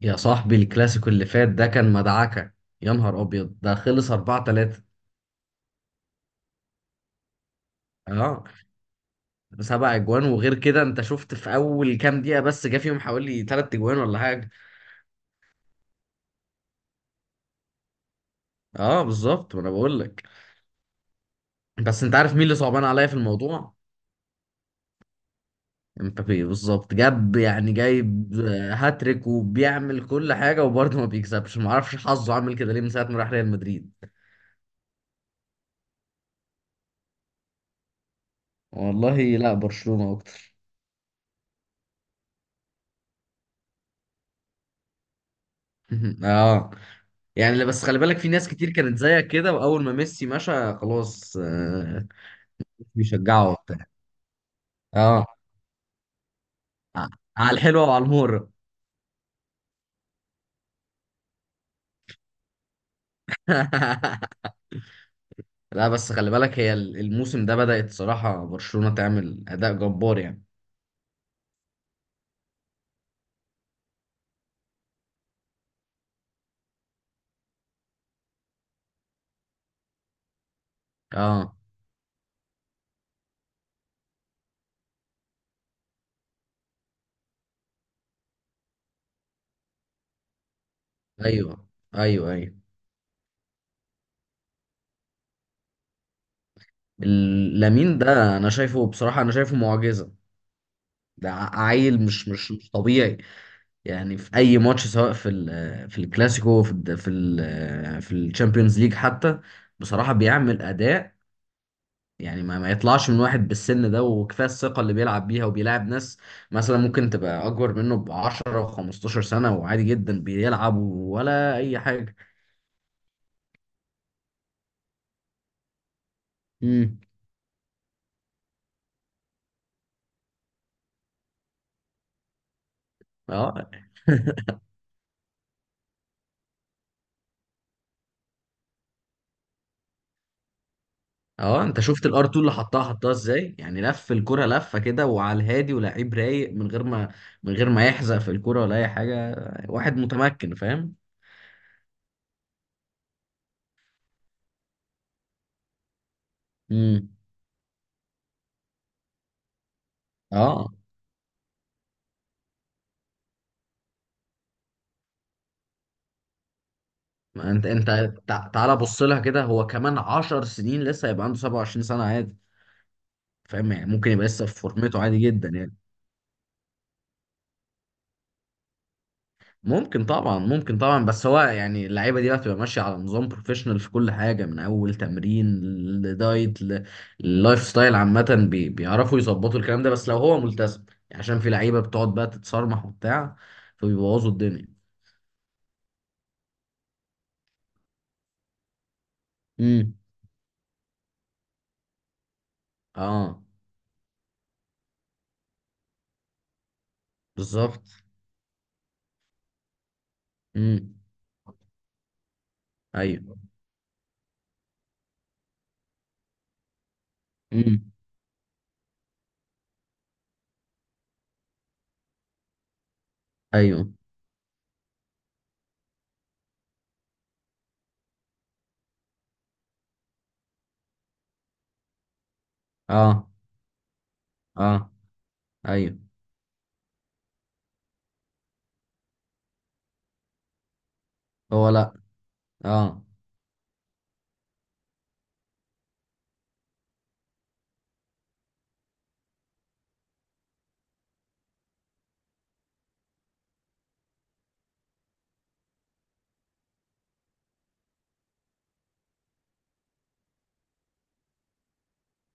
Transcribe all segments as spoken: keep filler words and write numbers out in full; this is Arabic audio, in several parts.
يا صاحبي الكلاسيكو اللي فات ده كان مدعكة. يا نهار أبيض ده خلص اربعة ثلاثة. اه، سبع اجوان. وغير كده انت شفت في اول كام دقيقة بس جه فيهم حوالي تلات اجوان ولا حاجة. اه بالظبط، ما انا بقول لك. بس انت عارف مين اللي صعبان عليا في الموضوع؟ امبابي بالظبط، جاب يعني جايب آه، هاتريك، وبيعمل كل حاجة وبرضه ما بيكسبش. ما اعرفش حظه عامل كده ليه من ساعة ما راح ريال مدريد. والله لا، برشلونة اكتر. اه، يعني لا، بس خلي بالك في ناس كتير كانت زيك كده، واول ما ميسي مشى خلاص آه، بيشجعوا وبتاع. اه، ع- على الحلوه وعلى المر. لا بس خلي بالك، هي ال- الموسم ده بدأت صراحه برشلونه تعمل اداء جبار يعني. اه، ايوه ايوه ايوه. ال- لامين ده انا شايفه بصراحه، انا شايفه معجزه. ده ع- عيل مش مش مش طبيعي. يعني في اي ماتش، سواء في ال- في الكلاسيكو في ال في ال في الشامبيونز ليج حتى، بصراحة بيعمل أداء يعني ما, ما يطلعش من واحد بالسن ده. وكفايه الثقه اللي بيلعب بيها، وبيلعب ناس مثلا ممكن تبقى اكبر منه ب عشرة و خمستاشر سنه، وعادي جدا بيلعب ولا اي حاجه. امم. اه. اه انت شفت الار اتنين اللي حطها حطها ازاي؟ يعني لف الكره لفه كده وعلى الهادي، ولاعيب رايق من غير ما من غير ما يحزق في الكره ولا اي حاجه. واحد متمكن فاهم. امم. اه. ما انت انت تع- تعالى بص لها كده. هو كمان عشر سنين لسه، هيبقى عنده سبعه وعشرين سنه، عادي. فاهم يعني؟ ممكن يبقى لسه في فورمته، عادي جدا يعني. ممكن طبعا، ممكن طبعا. بس هو يعني اللعيبه دي بقى بتبقى ماشيه على نظام بروفيشنال في كل حاجه، من اول تمرين لدايت ل- للايف ستايل عامه، بي- بيعرفوا يظبطوا الكلام ده، بس لو هو ملتزم. يعني عشان في لعيبه بتقعد بقى تتصرمح وبتاع فبيبوظوا الدنيا. امم. اه بالظبط. امم. ايوه. امم. ايوه. اه. اه. ايوه. هو لا. اه،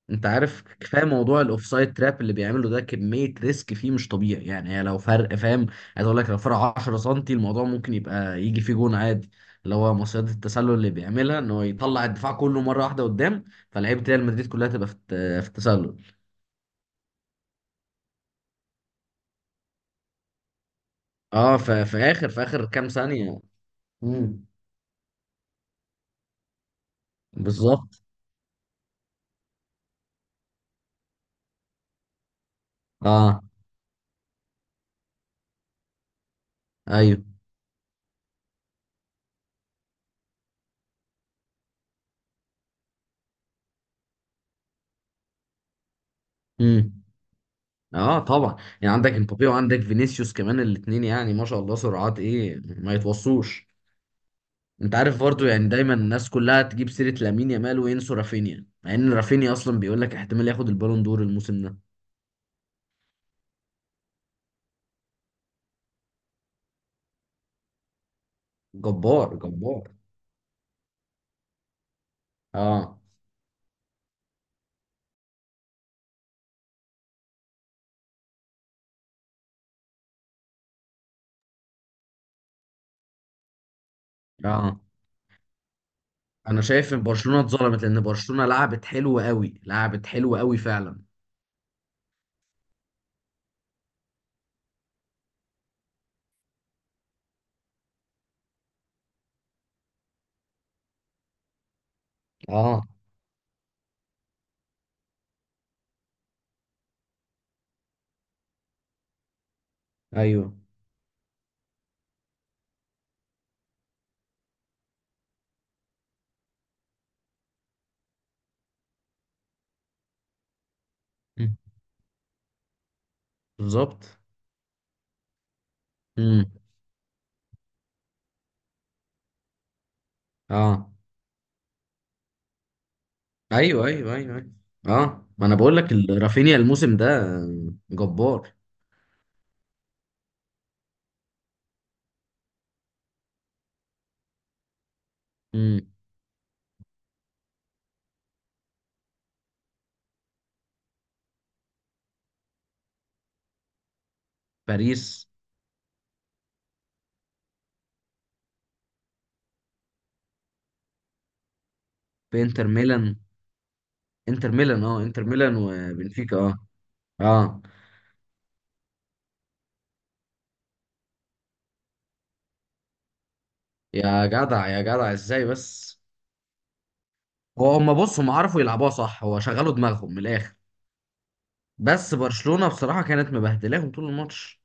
انت عارف كفايه موضوع الاوفسايد تراب اللي بيعمله ده، كميه ريسك فيه مش طبيعي يعني. هي لو فرق، فاهم؟ عايز اقول لك، لو فرق عشرة سم الموضوع ممكن يبقى يجي فيه جون عادي. اللي هو مصيدة التسلل اللي بيعملها، ان هو يطلع الدفاع كله مره واحده قدام، فلعيبه ريال مدريد كلها تبقى في الت- في التسلل. اه، ف- في اخر في اخر كام ثانيه. امم. بالظبط. اه. ايوه. امم. اه طبعا. يعني عندك امبابي، وعندك فينيسيوس كمان، الاثنين يعني ما شاء الله سرعات ايه ما يتوصوش. انت عارف برضو، يعني دايما الناس كلها تجيب سيرة لامين يامال وينسوا رافينيا، مع ان رافينيا اصلا بيقول لك احتمال ياخد البالون دور الموسم ده. جبار جبار. اه. اه، انا شايف ان برشلونة اتظلمت، لان برشلونة لعبت حلو قوي، لعبت حلو قوي فعلا. اه. ايوه. مم. بالظبط. امم. اه. ايوه ايوه ايوه ايوه. اه، ما انا بقول لك ال- رافينيا الموسم ده جبار. امم. باريس. في انتر ميلان. انتر ميلان، اه، انتر ميلان وبنفيكا، اه. اه، يا جدع يا جدع ازاي بس؟ هو هم بص، هم عرفوا يلعبوها صح، هو شغلوا دماغهم من الاخر. بس برشلونة بصراحة كانت مبهدلاهم طول الماتش.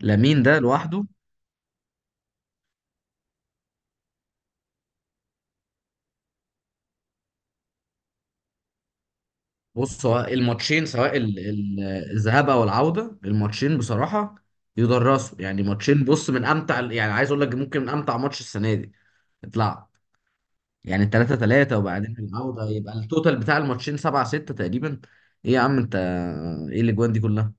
لامين ده لوحده. بص، سواء الماتشين، سواء ال- ال- الذهاب او العودة، الماتشين بصراحة يدرسوا يعني. ماتشين بص، من امتع، يعني عايز اقول لك ممكن من امتع ماتش السنة دي اتلعب. يعني تلاته تلاته، وبعدين العودة يبقى التوتال بتاع الماتشين سبعة ستة تقريبا. ايه يا عم انت، ايه الاجوان دي كلها؟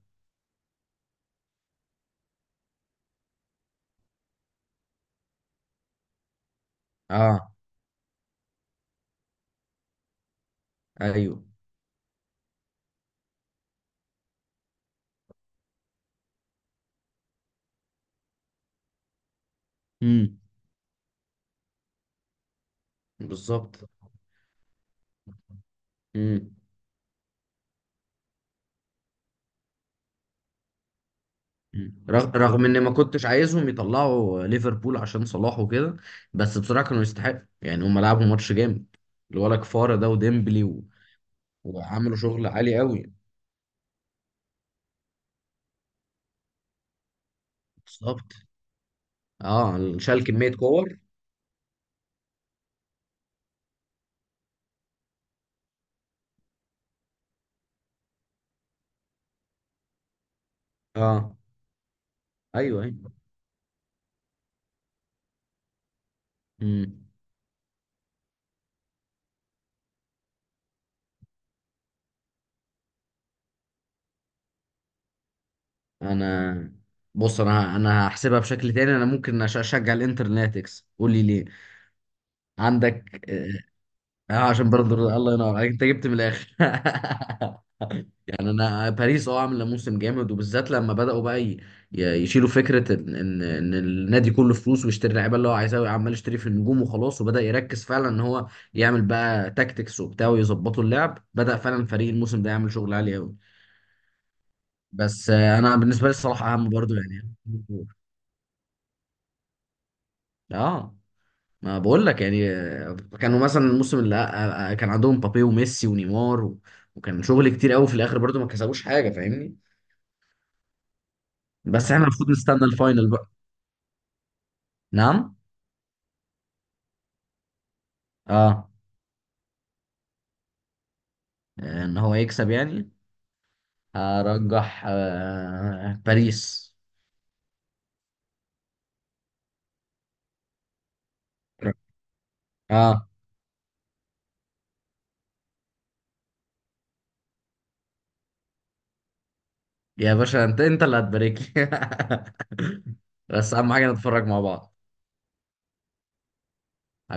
اه. ايوه. امم. بالظبط. مم. مم. رغ- رغم ان ما كنتش عايزهم يطلعوا ليفربول عشان صلاح وكده، بس بصراحه كانوا يستحقوا يعني. هم لعبوا ماتش جامد. الولا كفاره ده، وديمبلي و... وعملوا شغل عالي قوي. بالظبط. اه، شال كميه كور. اه. ايوه ايوه. مم. انا بص انا انا هحسبها بشكل تاني. انا ممكن أش- اشجع الانتر إنها تكسب. قول لي ليه؟ عندك. اه. آه، عشان برضه، الله ينور عليك، انت جبت من الاخر. يعني انا باريس، اه، عامله موسم جامد، وبالذات لما بداوا بقى ي- ي- يشيلوا فكره ان ان إن النادي كله فلوس ويشتري اللعيبه اللي هو عايزها، عمال يشتري في النجوم وخلاص. وبدا يركز فعلا ان هو يعمل بقى تاكتكس وبتاع ويظبطوا اللعب، بدا فعلا فريق الموسم ده يعمل شغل عالي قوي. بس آه، انا بالنسبه لي الصراحه اهم برضو يعني. اه، ما بقول لك يعني، آه، كانوا مثلا الموسم اللي آه، آه، كان عندهم بابي وميسي ونيمار و- وكان شغل كتير قوي، في الاخر برضو ما كسبوش حاجه، فاهمني؟ بس احنا المفروض نستنى الفاينل بقى. نعم. اه، ان هو يكسب يعني. هرجح آه باريس. اه، يا باشا انت، انت اللي هتبارك لي. بس اهم حاجه نتفرج مع بعض.